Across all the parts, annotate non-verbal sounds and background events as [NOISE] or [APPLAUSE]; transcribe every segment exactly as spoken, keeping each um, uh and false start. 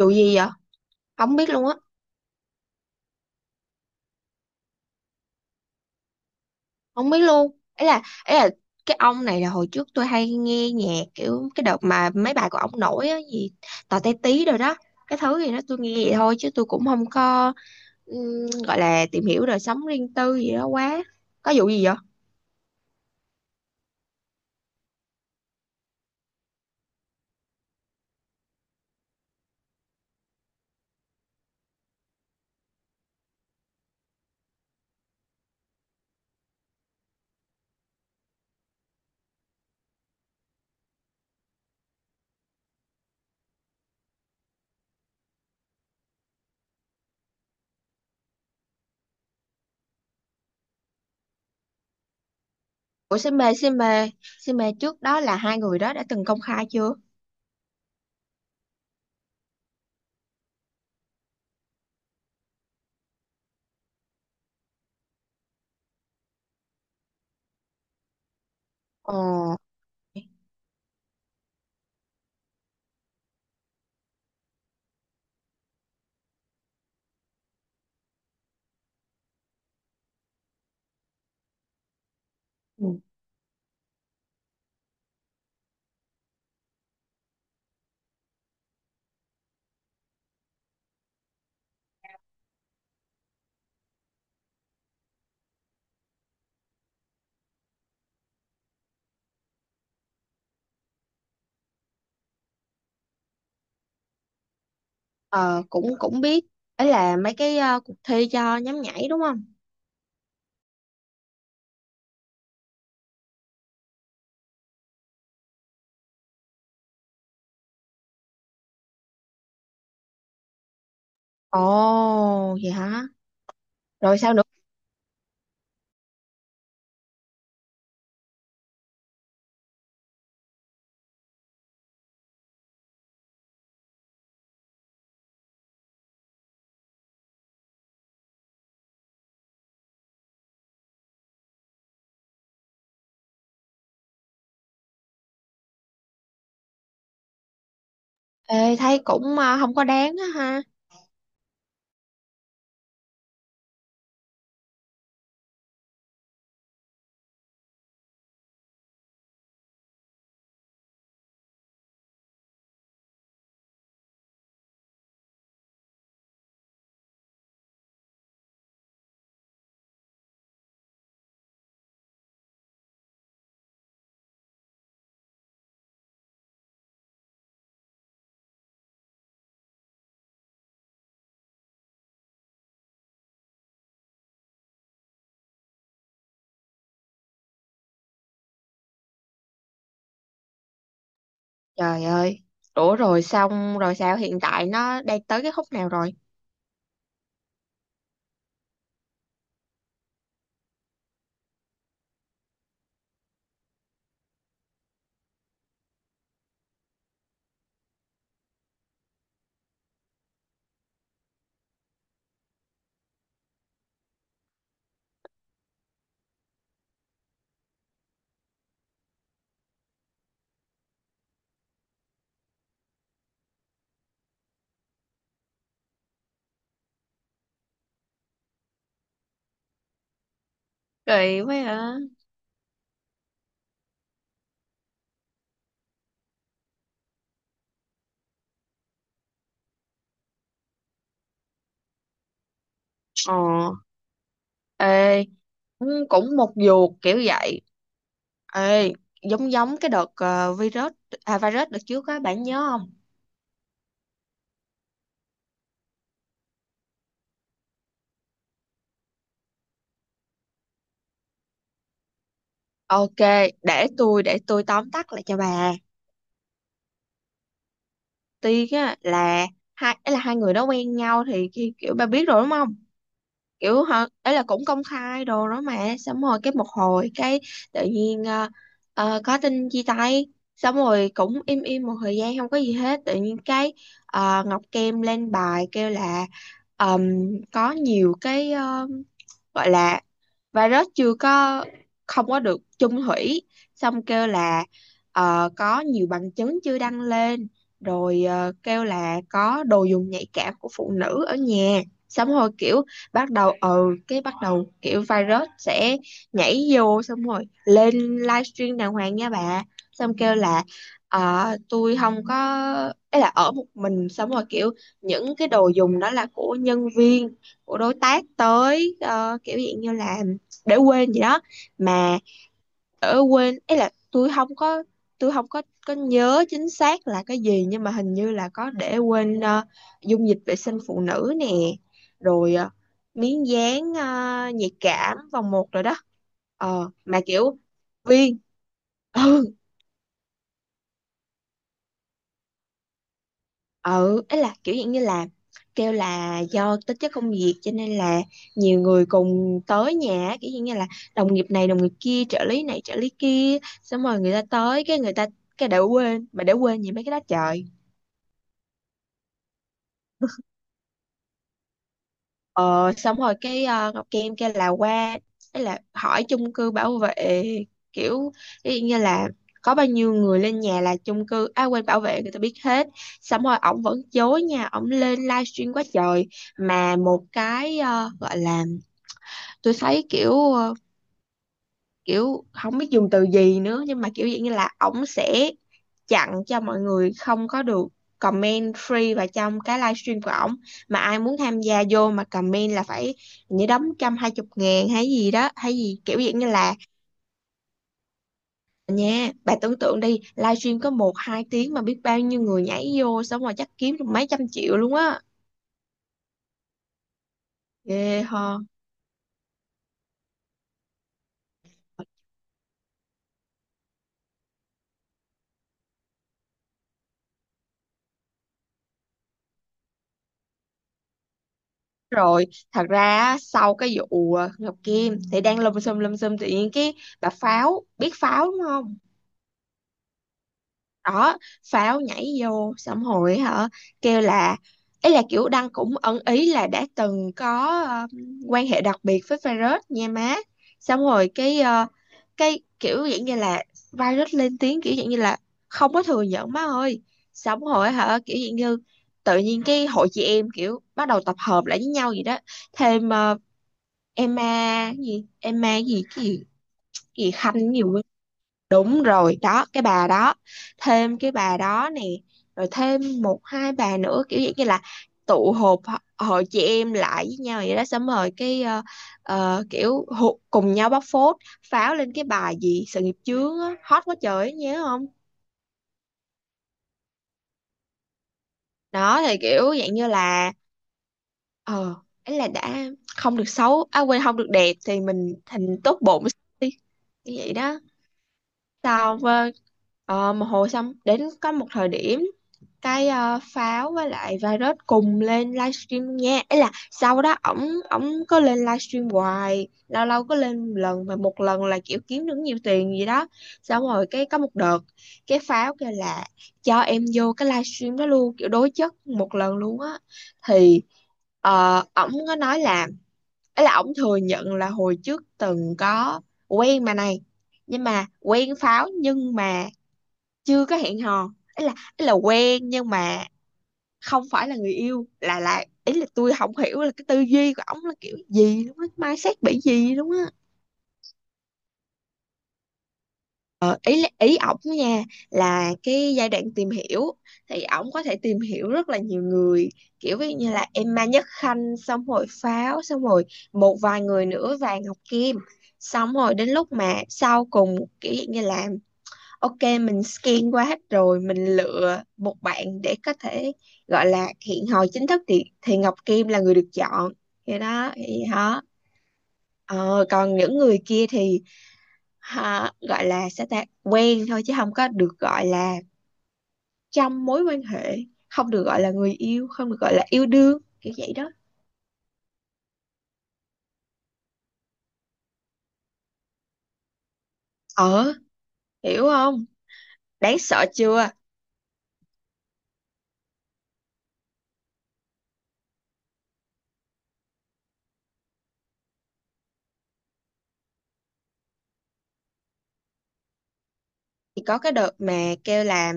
Vụ gì vậy? Không biết luôn á, không biết luôn. Ấy là ấy là cái ông này là hồi trước tôi hay nghe nhạc kiểu cái đợt mà mấy bài của ông nổi á gì tò te tí rồi đó. Cái thứ gì đó tôi nghe vậy thôi chứ tôi cũng không có ừm, gọi là tìm hiểu đời sống riêng tư gì đó quá. Có vụ gì vậy? Ủa xin mê xin mê xin mê trước đó là hai người đó đã từng công khai chưa? Ờ, ừ. Ờ, cũng cũng biết, ấy là mấy cái ờ, cuộc thi cho nhóm nhảy đúng không? Ồ vậy hả? Rồi sao? Ê, thấy cũng à, không có đáng á ha. Trời ơi. Ủa rồi xong rồi sao, hiện tại nó đang tới cái khúc nào rồi? Kỳ quá hả? Ờ. Ê, cũng cũng một vuột kiểu vậy. Ê, giống giống cái đợt ờ, virus à, virus đợt trước á, bạn nhớ không? Ok, để tôi để tôi tóm tắt lại cho bà. Tuy á là hai, ấy là hai người đó quen nhau thì ki- kiểu bà biết rồi đúng không? Kiểu họ, ấy là cũng công khai đồ đó mà, xong rồi cái một hồi cái tự nhiên ờ, ờ, có tin chia tay, xong rồi cũng im im một thời gian không có gì hết, tự nhiên cái ờ, Ngọc Kem lên bài kêu là ờm, có nhiều cái ờ, gọi là và nó chưa có, không có được chung thủy, xong kêu là ờ, có nhiều bằng chứng chưa đăng lên, rồi ờ, kêu là có đồ dùng nhạy cảm của phụ nữ ở nhà, xong rồi kiểu bắt đầu ừ cái bắt đầu kiểu virus sẽ nhảy vô, xong rồi lên livestream đàng hoàng nha bà, xong kêu là ờ, tôi không có, ấy là ở một mình, xong rồi kiểu những cái đồ dùng đó là của nhân viên, của đối tác tới ờ, kiểu dạng như là để quên gì đó mà, ở quên, ấy là tôi không có tôi không có có nhớ chính xác là cái gì, nhưng mà hình như là có để quên ờ, dung dịch vệ sinh phụ nữ nè, rồi ờ, miếng dán ờ, nhạy cảm vòng một rồi đó. Ờ mà kiểu viên Ừ, ừ, ấy là kiểu dạng như là kêu là do tính chất công việc cho nên là nhiều người cùng tới nhà á, kiểu dạng như là đồng nghiệp này đồng nghiệp kia, trợ lý này trợ lý kia, xong rồi người ta tới cái người ta cái đã quên, mà đã quên gì mấy cái đó trời. Ờ, xong rồi cái ờ, Ngọc Kim kêu là qua, ấy là hỏi chung cư bảo vệ, kiểu ví dụ như là có bao nhiêu người lên nhà là chung cư, à quên bảo vệ, người ta biết hết, xong rồi ổng vẫn chối nha, ổng lên livestream quá trời, mà một cái ờ, gọi là tôi thấy kiểu ờ, kiểu không biết dùng từ gì nữa, nhưng mà kiểu dạng như là ổng sẽ chặn cho mọi người không có được comment free vào trong cái livestream của ổng, mà ai muốn tham gia vô mà comment là phải như đóng trăm hai chục ngàn hay gì đó, hay gì kiểu dạng như là, nha bà tưởng tượng đi, livestream có một hai tiếng mà biết bao nhiêu người nhảy vô, xong rồi chắc kiếm được mấy trăm triệu luôn á, ghê ho. Rồi thật ra á, sau cái vụ à, Ngọc Kim thì đang lùm xùm lùm xùm, tự nhiên cái bà Pháo, biết Pháo đúng không? Đó, pháo nhảy vô xong hồi hả, kêu là, ấy là kiểu Đăng cũng ẩn ý là đã từng có ờ, quan hệ đặc biệt với virus nha má, xong rồi cái ờ, cái kiểu dạng như là virus lên tiếng kiểu dạng như là không có thừa nhận má ơi, xong rồi hả, kiểu dạng như tự nhiên cái hội chị em kiểu bắt đầu tập hợp lại với nhau gì đó, thêm ờ, Emma gì Emma gì, cái gì cái gì Khanh nhiều. Đúng rồi, đó, cái bà đó, thêm cái bà đó nè, rồi thêm một hai bà nữa kiểu dạng như là tụ họp ho- hội chị em lại với nhau vậy đó, xong rồi cái ờ, ờ, kiểu hụ- cùng nhau bóc phốt, pháo lên cái bài gì sự nghiệp chướng á, hot quá trời ấy, nhớ không? Đó thì kiểu dạng như là ờ ấy là đã không được xấu, à quên không được đẹp thì mình thành tốt bụng đi, như vậy đó. Sau ờ, ờ, một hồi, xong đến có một thời điểm cái ờ, pháo với lại virus cùng lên livestream luôn nha, ấy là sau đó ổng ổng có lên livestream hoài, lâu lâu có lên một lần mà một lần là kiểu kiếm được nhiều tiền gì đó, xong rồi cái có một đợt cái pháo kêu là cho em vô cái livestream đó luôn, kiểu đối chất một lần luôn á, thì ờ, ổng có nói là, ấy là ổng thừa nhận là hồi trước từng có quen mà này, nhưng mà quen pháo nhưng mà chưa có hẹn hò, ấy là ấy là quen nhưng mà không phải là người yêu, là là ý là tôi không hiểu là cái tư duy của ổng là kiểu gì luôn á, mindset bị gì luôn á. Ờ, ý ý ổng nha là cái giai đoạn tìm hiểu thì ổng có thể tìm hiểu rất là nhiều người, kiểu ví dụ như là Emma Nhất Khanh, xong rồi Pháo, xong rồi một vài người nữa, và Ngọc Kim, xong rồi đến lúc mà sau cùng kiểu dạng như là ok mình scan qua hết rồi mình lựa một bạn để có thể gọi là hẹn hò chính thức thì thì Ngọc Kim là người được chọn, thì đó thì đó. Ờ, còn những người kia thì ha, gọi là sẽ ta quen thôi chứ không có được gọi là trong mối quan hệ, không được gọi là người yêu, không được gọi là yêu đương, kiểu vậy đó. ờ Hiểu không? Đáng sợ chưa? Thì có cái đợt mà kêu là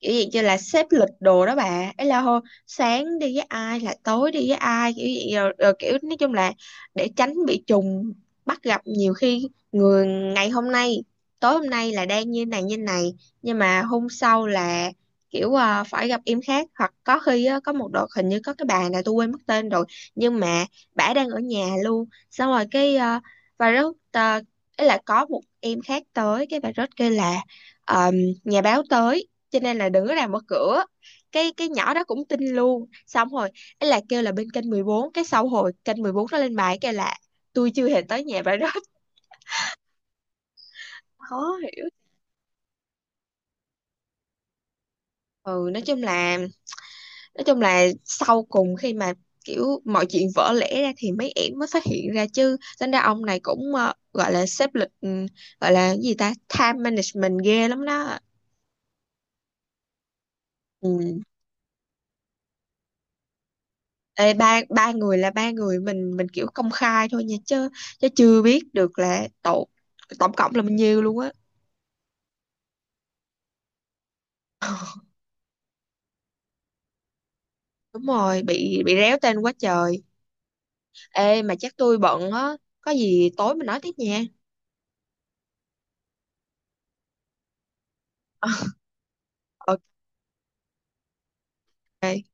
kiểu gì như là xếp lịch đồ đó bà, ấy là hô sáng đi với ai là tối đi với ai kiểu gì rồi, rồi kiểu nói chung là để tránh bị trùng bắt gặp, nhiều khi người ngày hôm nay, tối hôm nay là đang như này như này, nhưng mà hôm sau là kiểu ờ, phải gặp em khác, hoặc có khi á, có một đợt hình như có cái bà này tôi quên mất tên rồi, nhưng mà bả đang ở nhà luôn, xong rồi cái ờ, và rất, ấy là có một em khác tới, cái bà rất kêu là ờ, nhà báo tới cho nên là đừng có làm mở cửa, cái cái nhỏ đó cũng tin luôn, xong rồi ấy là kêu là bên kênh mười bốn, cái sau hồi kênh mười bốn nó lên bài kêu là tôi chưa hề tới nhà bà đó [LAUGHS] khó hiểu. Ừ, nói chung là nói chung là sau cùng khi mà kiểu mọi chuyện vỡ lẽ ra thì mấy em mới phát hiện ra, chứ tính ra ông này cũng ờ, gọi là xếp lịch, ừ, gọi là cái gì ta, time management ghê lắm đó. Ừ. Ê, ba ba người là ba người mình mình kiểu công khai thôi nha, chứ chứ chưa biết được là tổ tổng cộng là bao nhiêu luôn á [LAUGHS] đúng rồi, bị bị réo tên quá trời. Ê mà chắc tôi bận á, có gì tối mình nói tiếp nha [LAUGHS] ok.